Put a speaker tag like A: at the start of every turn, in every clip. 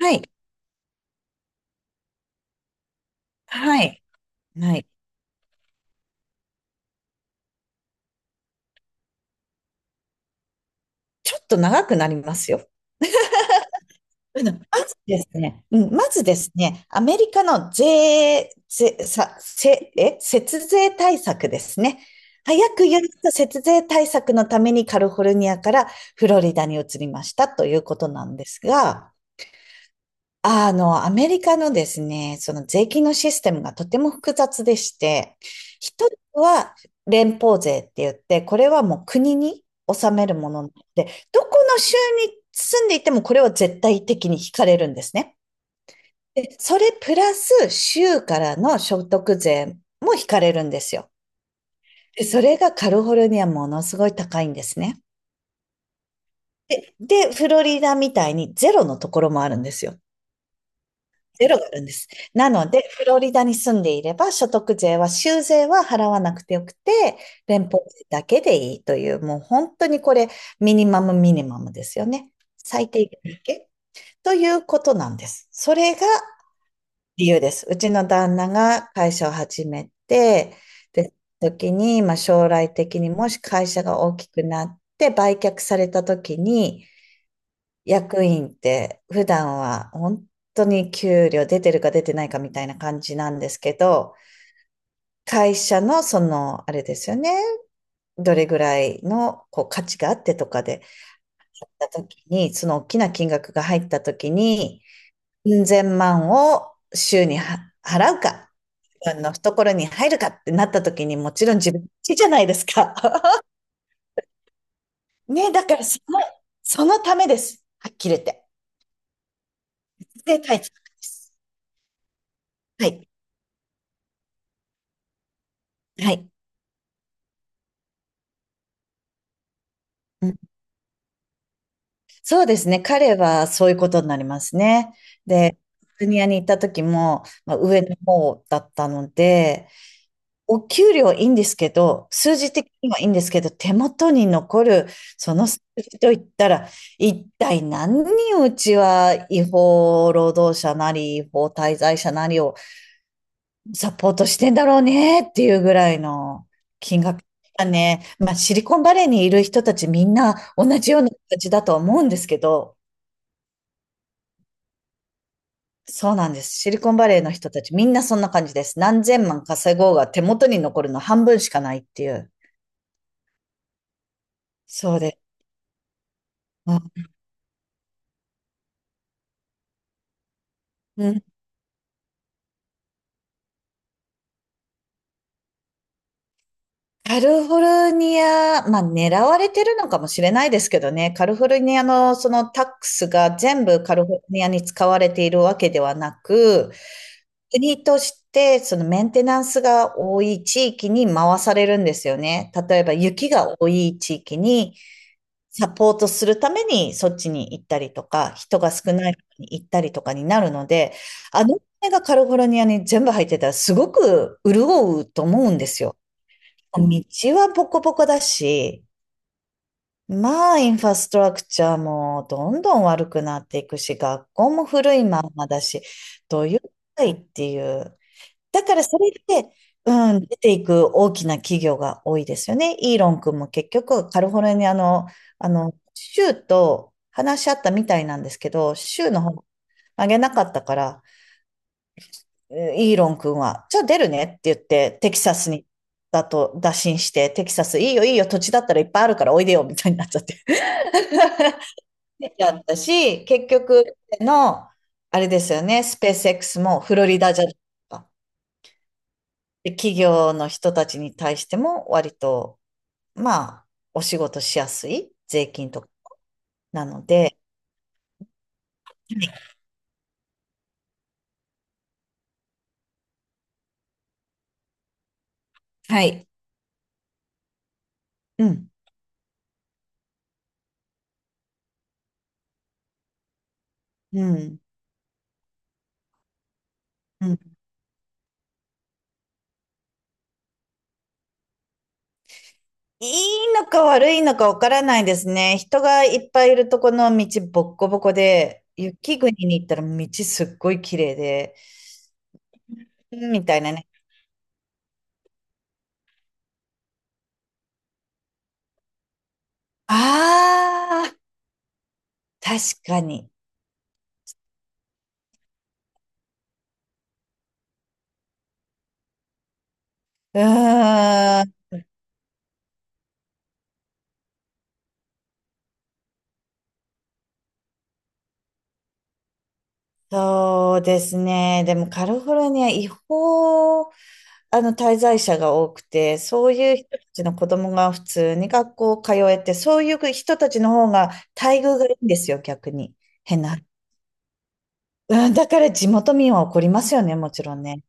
A: はい。はい。はい。ちょっと長くなりますよ。うん、まうん、まずですね、アメリカの税、税、さ、せ、え、節税対策ですね。早く言うと節税対策のためにカリフォルニアからフロリダに移りましたということなんですが、アメリカのですね、その税金のシステムがとても複雑でして、一つは連邦税って言って、これはもう国に納めるものなので、どこの州に住んでいてもこれは絶対的に引かれるんですね。で、それプラス州からの所得税も引かれるんですよ。でそれがカリフォルニアものすごい高いんですね。で、でフロリダみたいにゼロのところもあるんですよ。ゼロがあるんです。なので、フロリダに住んでいれば、所得税は、州税は払わなくてよくて、連邦税だけでいいという、もう本当にこれ、ミニマムミニマムですよね。最低限だけということなんです。それが理由です。うちの旦那が会社を始めて、で、時に、まあ将来的にもし会社が大きくなって売却された時に、役員って普段は本当に給料出てるか出てないかみたいな感じなんですけど、会社のその、あれですよね、どれぐらいのこう価値があってとかで、た時に、その大きな金額が入った時に、うん千万を週には払うか、自分の懐に入るかってなった時にもちろん自分ちじゃないですか。ね、だからその、そのためです。はっきり言って。で、大切です。はい。はい。うんそうですね。彼はそういうことになりますね。で、ジュニアに行った時も、まあ、上の方だったので、お給料いいんですけど、数字的にはいいんですけど、手元に残るその数字といったら、一体何人うちは違法労働者なり、違法滞在者なりをサポートしてんだろうねっていうぐらいの金額。ね、まあ、シリコンバレーにいる人たちみんな同じような形だとは思うんですけど、そうなんです。シリコンバレーの人たちみんなそんな感じです。何千万稼ごうが手元に残るの半分しかないっていう。そうです。うんうん。カリフォルニア、まあ狙われてるのかもしれないですけどね、カリフォルニアのそのタックスが全部カリフォルニアに使われているわけではなく、国としてそのメンテナンスが多い地域に回されるんですよね。例えば雪が多い地域にサポートするためにそっちに行ったりとか、人が少ないとこに行ったりとかになるので、お金がカリフォルニアに全部入ってたらすごく潤うと思うんですよ。道はボコボコだし、まあインフラストラクチャーもどんどん悪くなっていくし、学校も古いまんまだし、どういう世界っていうだからそれで、うん、出ていく大きな企業が多いですよね。イーロン君も結局、カリフォルニアの、州と話し合ったみたいなんですけど、州の方上げなかったから、イーロン君は、じゃあ出るねって言って、テキサスに、だと打診して、テキサス、いいよいいよ、土地だったらいっぱいあるからおいでよ、みたいになっちゃって。出ちゃったし、結局の、あれですよね、スペース X もフロリダじゃないですかで、企業の人たちに対しても割と、まあ、お仕事しやすい税金とかなので、はい。うん、うん、うん。いいのか悪いのかわからないですね。人がいっぱいいるとこの道ボッコボコで、雪国に行ったら道すっごい綺麗で、うんみたいなね。ああ、確かに。うーん、そうですね。でもカリフォルニア違法滞在者が多くて、そういう人たちの子供が普通に学校通えて、そういう人たちの方が待遇がいいんですよ、逆に。変な。うん、だから地元民は怒りますよね、もちろんね。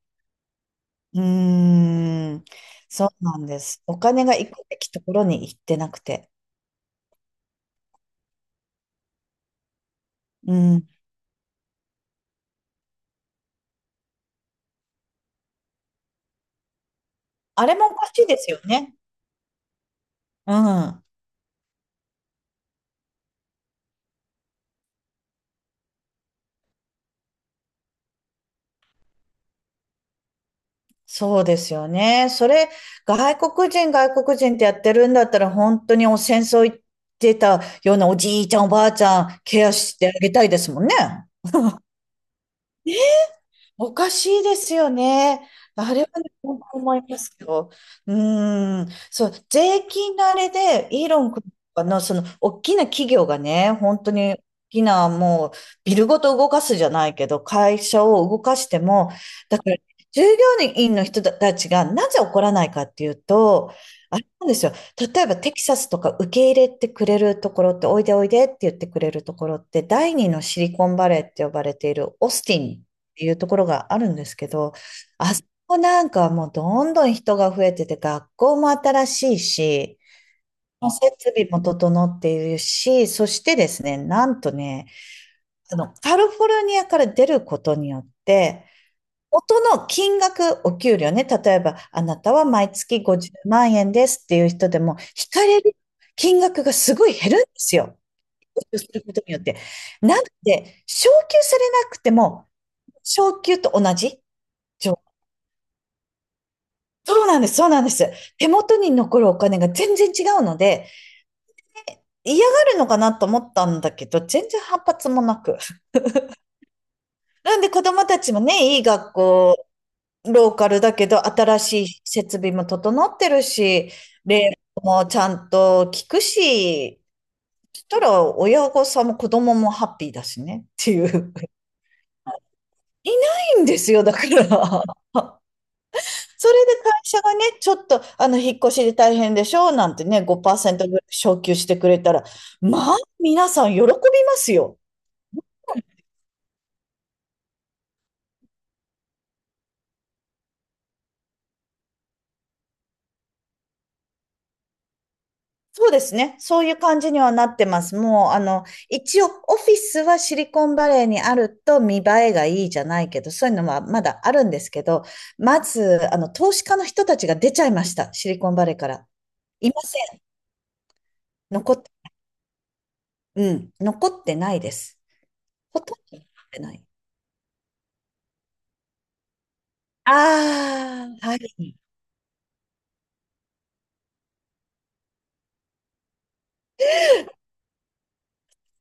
A: うーん、そうなんです。お金が行くべきところに行ってなくて。うん、あれもおかしいですよね。うん。そうですよね。それ、外国人、外国人ってやってるんだったら、本当にお戦争行ってたようなおじいちゃん、おばあちゃん、ケアしてあげたいですもんね。おかしいですよね。あれはね、本当思いますよ。うーん。そう、税金のあれで、イーロン君とかの、その、大きな企業がね、本当に、大きな、もう、ビルごと動かすじゃないけど、会社を動かしても、だから、従業員の人たちがなぜ怒らないかっていうと、あれなんですよ。例えば、テキサスとか受け入れてくれるところって、おいでおいでって言ってくれるところって、第二のシリコンバレーって呼ばれているオースティンっていうところがあるんですけど、あそこなんかはもうどんどん人が増えてて、学校も新しいし、設備も整っているし、そしてですね、なんとね、カリフォルニアから出ることによって、元の金額、お給料ね、例えば、あなたは毎月50万円ですっていう人でも、引かれる金額がすごい減るんですよ。することによって。なので、昇給されなくても、昇給と同じ状そうなんです、そうなんです。手元に残るお金が全然違うので、嫌がるのかなと思ったんだけど、全然反発もなく。なんで子供たちもね、いい学校、ローカルだけど、新しい設備も整ってるし、礼服もちゃんと聞くし、そしたら親御さんも子供もハッピーだしねっていう。いないんですよ、だから。それで会社がね、ちょっと、引っ越しで大変でしょなんてね、5%ぐらい昇給してくれたら、まあ、皆さん喜びますよ。そうですね。そういう感じにはなってます。もう、一応、オフィスはシリコンバレーにあると見栄えがいいじゃないけど、そういうのはまだあるんですけど、まず、投資家の人たちが出ちゃいました。シリコンバレーから。いません。残って、うん、残ってないです。ほとんど残ってない。ああ、はい。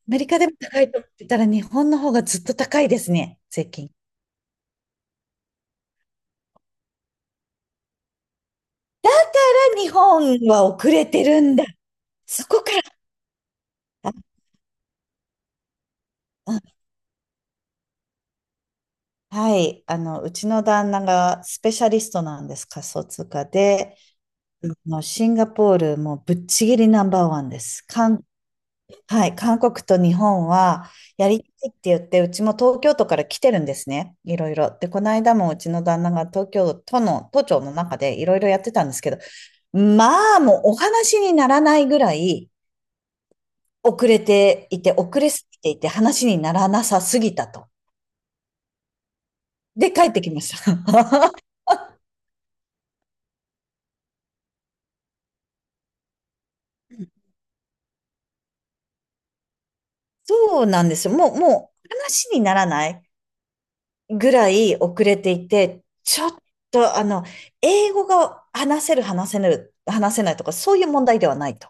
A: メリカでも高いと思ってたら、日本の方がずっと高いですね、税金。日本は遅れてるんだ。そこから。あ、はい。うちの旦那がスペシャリストなんです、仮想通貨で。あのシンガポールもうぶっちぎりナンバーワンです。はい。韓国と日本はやりたいって言って、うちも東京都から来てるんですね。いろいろ。で、この間もうちの旦那が東京都の、都庁の中でいろいろやってたんですけど、まあ、もうお話にならないぐらい、遅れていて、遅れすぎていて、話にならなさすぎたと。で、帰ってきました。そうなんですよ。もう、もう、話にならないぐらい遅れていて、ちょっと、英語が話せる、話せぬ、話せないとか、そういう問題ではないと。